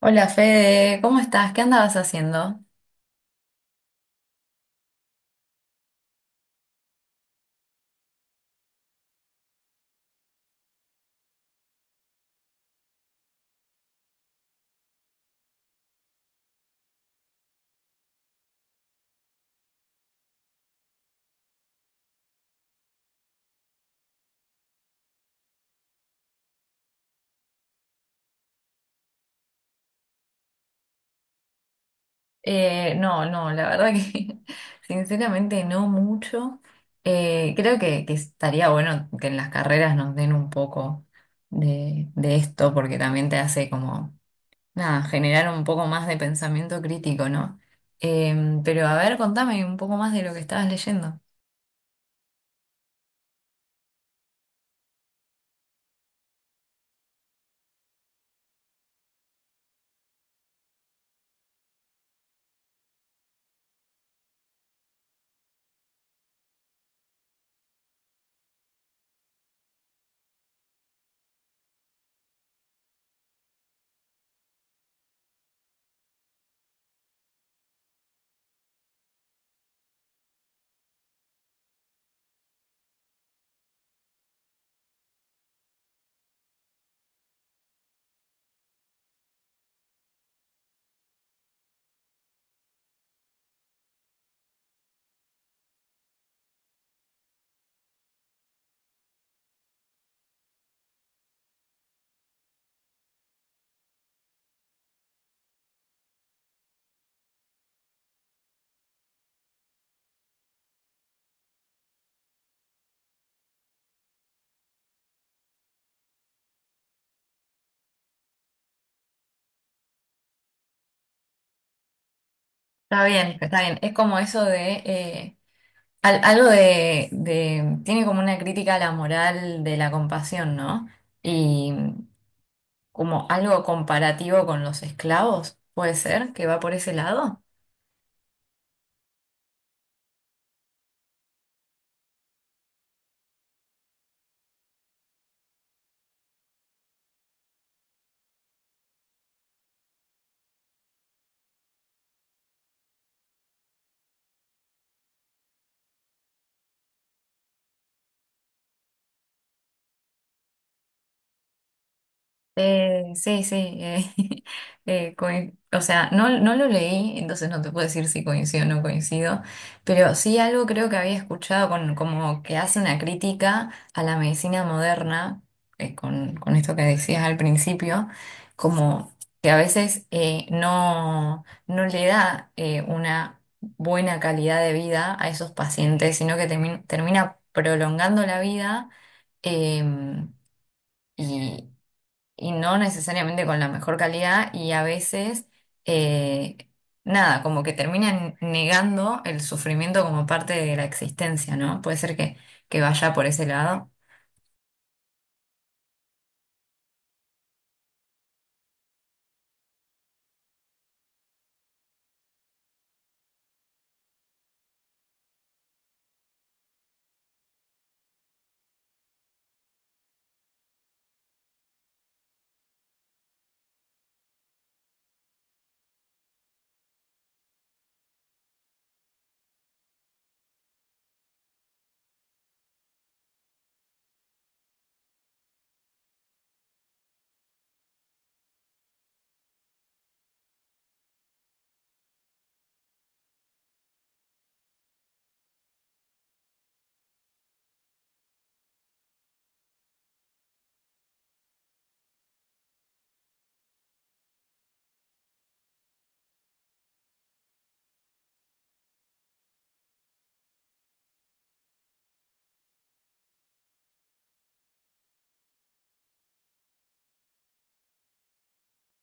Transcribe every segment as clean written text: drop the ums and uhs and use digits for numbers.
Hola Fede, ¿cómo estás? ¿Qué andabas haciendo? No, no, la verdad que sinceramente no mucho. Creo que estaría bueno que en las carreras nos den un poco de esto porque también te hace como, nada, generar un poco más de pensamiento crítico, ¿no? Pero a ver, contame un poco más de lo que estabas leyendo. Está bien, está bien. Es como eso de. Algo Tiene como una crítica a la moral de la compasión, ¿no? Y como algo comparativo con los esclavos, puede ser que va por ese lado. Sí, sí, eh, o sea, no, no lo leí, entonces no te puedo decir si coincido o no coincido, pero sí algo creo que había escuchado con, como que hace una crítica a la medicina moderna, con esto que decías al principio, como que a veces no, no le da una buena calidad de vida a esos pacientes, sino que termina prolongando la vida. em, y, y no necesariamente con la mejor calidad y a veces, eh, nada, como que terminan negando el sufrimiento como parte de la existencia, ¿no? Puede ser que vaya por ese lado.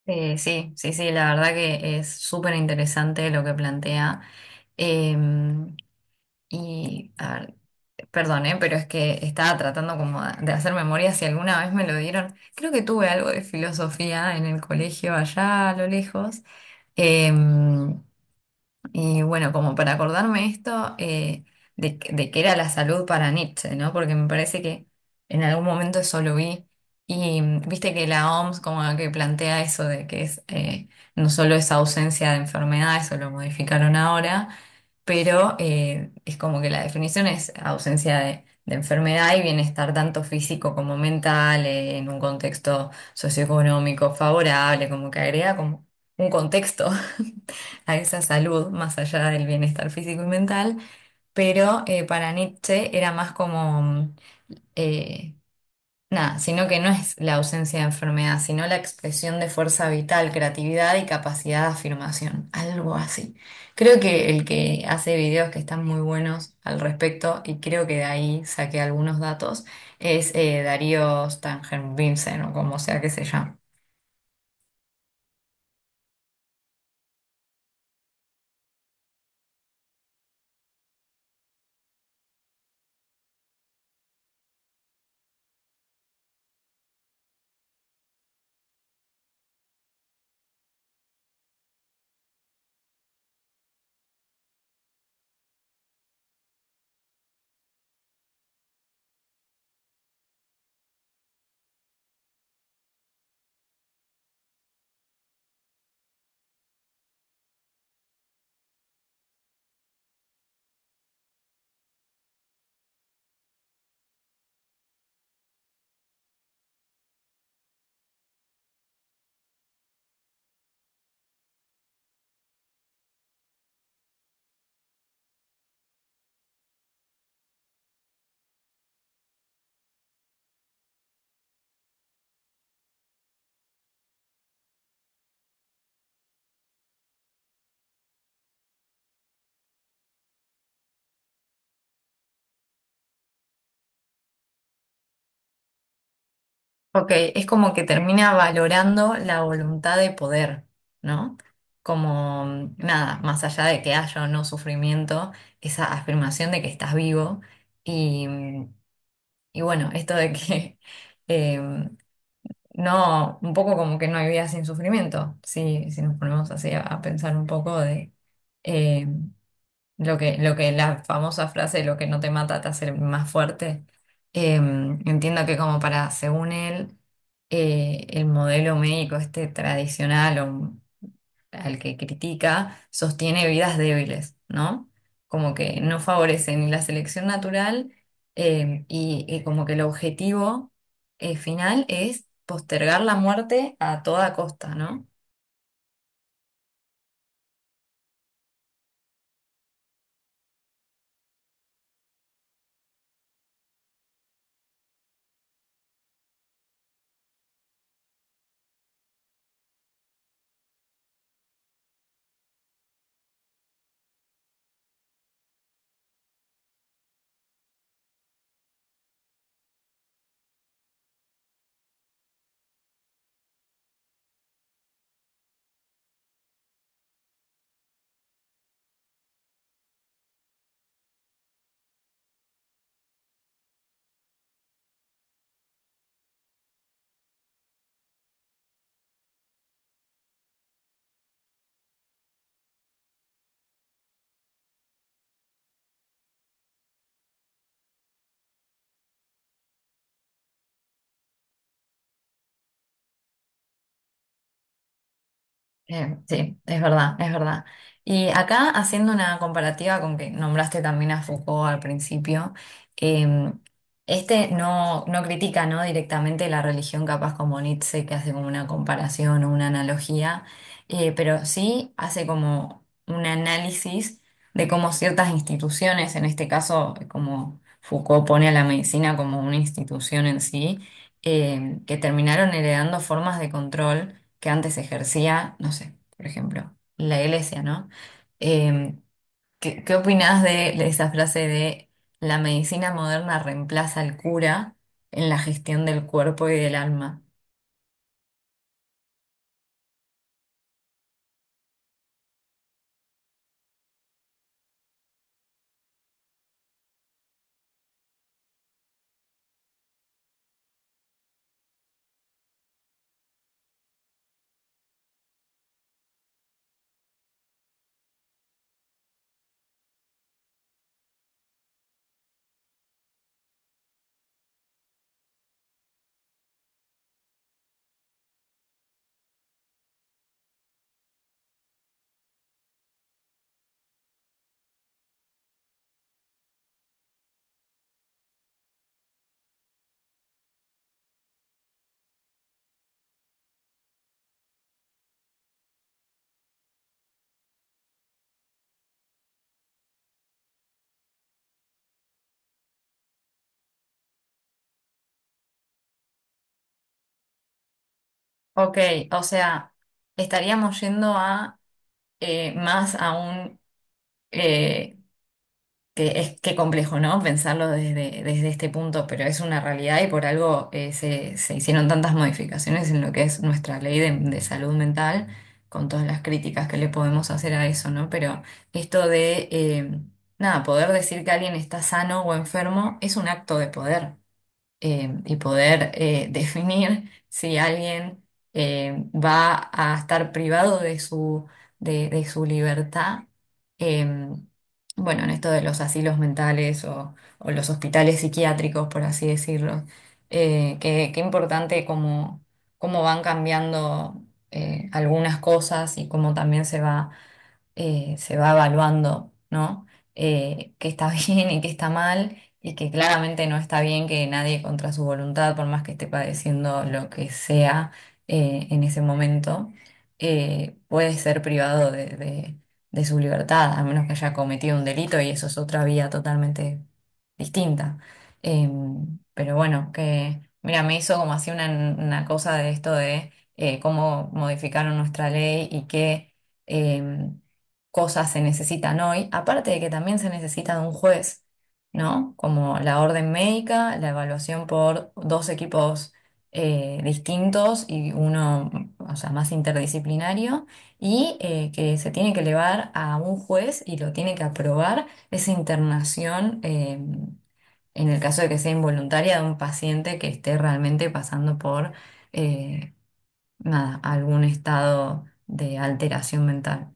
Sí, sí, sí, la verdad que es súper interesante lo que plantea. Eh, y, a ver, perdón, pero es que estaba tratando como de hacer memoria si alguna vez me lo dieron. Creo que tuve algo de filosofía en el colegio allá a lo lejos. Eh, Y bueno, como para acordarme esto, de, de qué era la salud para Nietzsche, ¿no? Porque me parece que en algún momento eso lo vi. Y mm, viste que la OMS como que plantea eso de que es no solo es ausencia de enfermedad, eso lo modificaron ahora, pero es como que la definición es ausencia de enfermedad y bienestar tanto físico como mental, en un contexto socioeconómico favorable, como que agrega como un contexto a esa salud, más allá del bienestar físico y mental, pero para Nietzsche era más como, mm, eh, nada, sino que no es la ausencia de enfermedad, sino la expresión de fuerza vital, creatividad y capacidad de afirmación, algo así. Creo que el que hace videos que están muy buenos al respecto, y creo que de ahí saqué algunos datos, es Darío Stangenvinsen, o como sea que se llame. Ok, es como que termina valorando la voluntad de poder, ¿no? Como mm, nada, más allá de que haya o no sufrimiento, esa afirmación de que estás vivo y, mm, y bueno, esto de que eh, no, un poco como que no hay vida sin sufrimiento, si, si nos ponemos así a pensar un poco de, em, lo que la famosa frase, lo que no te mata te hace más fuerte. Entiendo que como para, según él, el modelo médico este tradicional o al que critica, sostiene vidas débiles, ¿no? Como que no favorece ni la selección natural y como que el objetivo final es postergar la muerte a toda costa, ¿no? Sí, es verdad, es verdad. Y acá haciendo una comparativa con que nombraste también a Foucault al principio, eh, este no, no critica, ¿no? Directamente la religión, capaz como Nietzsche, que hace como una comparación o una analogía, pero sí hace como un análisis de cómo ciertas instituciones, en este caso, como Foucault pone a la medicina como una institución en sí, que terminaron heredando formas de control que antes ejercía, no sé, por ejemplo, la iglesia, ¿no? Eh, qué opinás de esa frase de la medicina moderna reemplaza al cura en la gestión del cuerpo y del alma? Ok, o sea, estaríamos yendo a más a un eh, que es qué complejo, ¿no? Pensarlo desde, desde este punto, pero es una realidad y por algo se, se hicieron tantas modificaciones en lo que es nuestra ley de salud mental, con todas las críticas que le podemos hacer a eso, ¿no? Pero esto de, nada, poder decir que alguien está sano o enfermo es un acto de poder y poder definir si alguien va a estar privado de su libertad. eh, bueno, en esto de los asilos mentales o los hospitales psiquiátricos, por así decirlo, qué, qué importante cómo, cómo van cambiando algunas cosas y cómo también se va evaluando, ¿no? Qué está bien y qué está mal, y que claramente no está bien que nadie contra su voluntad, por más que esté padeciendo lo que sea en ese momento, puede ser privado de, de su libertad, a menos que haya cometido un delito, y eso es otra vía totalmente distinta. Pero bueno, que, mira, me hizo como así una cosa de esto de cómo modificaron nuestra ley y que em, cosas se necesitan hoy, aparte de que también se necesita de un juez, ¿no? Como la orden médica, la evaluación por dos equipos distintos y uno, o sea, más interdisciplinario, y que se tiene que elevar a un juez y lo tiene que aprobar esa internación. En el caso de que sea involuntaria de un paciente que esté realmente pasando por eh, nada, algún estado de alteración mental.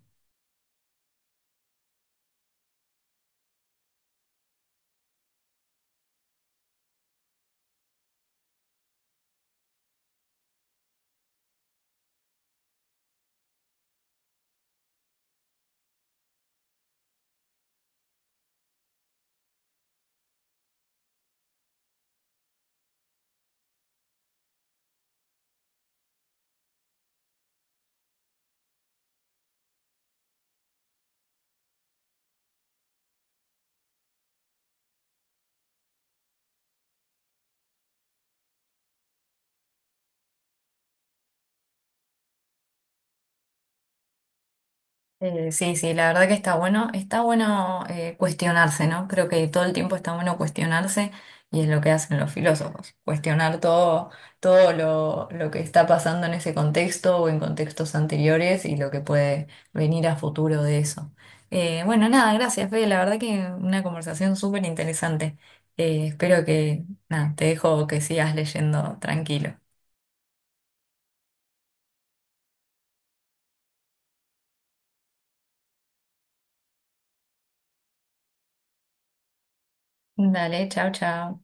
Sí, sí, la verdad que está bueno cuestionarse, ¿no? Creo que todo el tiempo está bueno cuestionarse y es lo que hacen los filósofos, cuestionar todo, todo lo que está pasando en ese contexto o en contextos anteriores y lo que puede venir a futuro de eso. Bueno, nada, gracias, Fede, la verdad que una conversación súper interesante. Espero que, nada, te dejo que sigas leyendo tranquilo. Dale, chao, chao.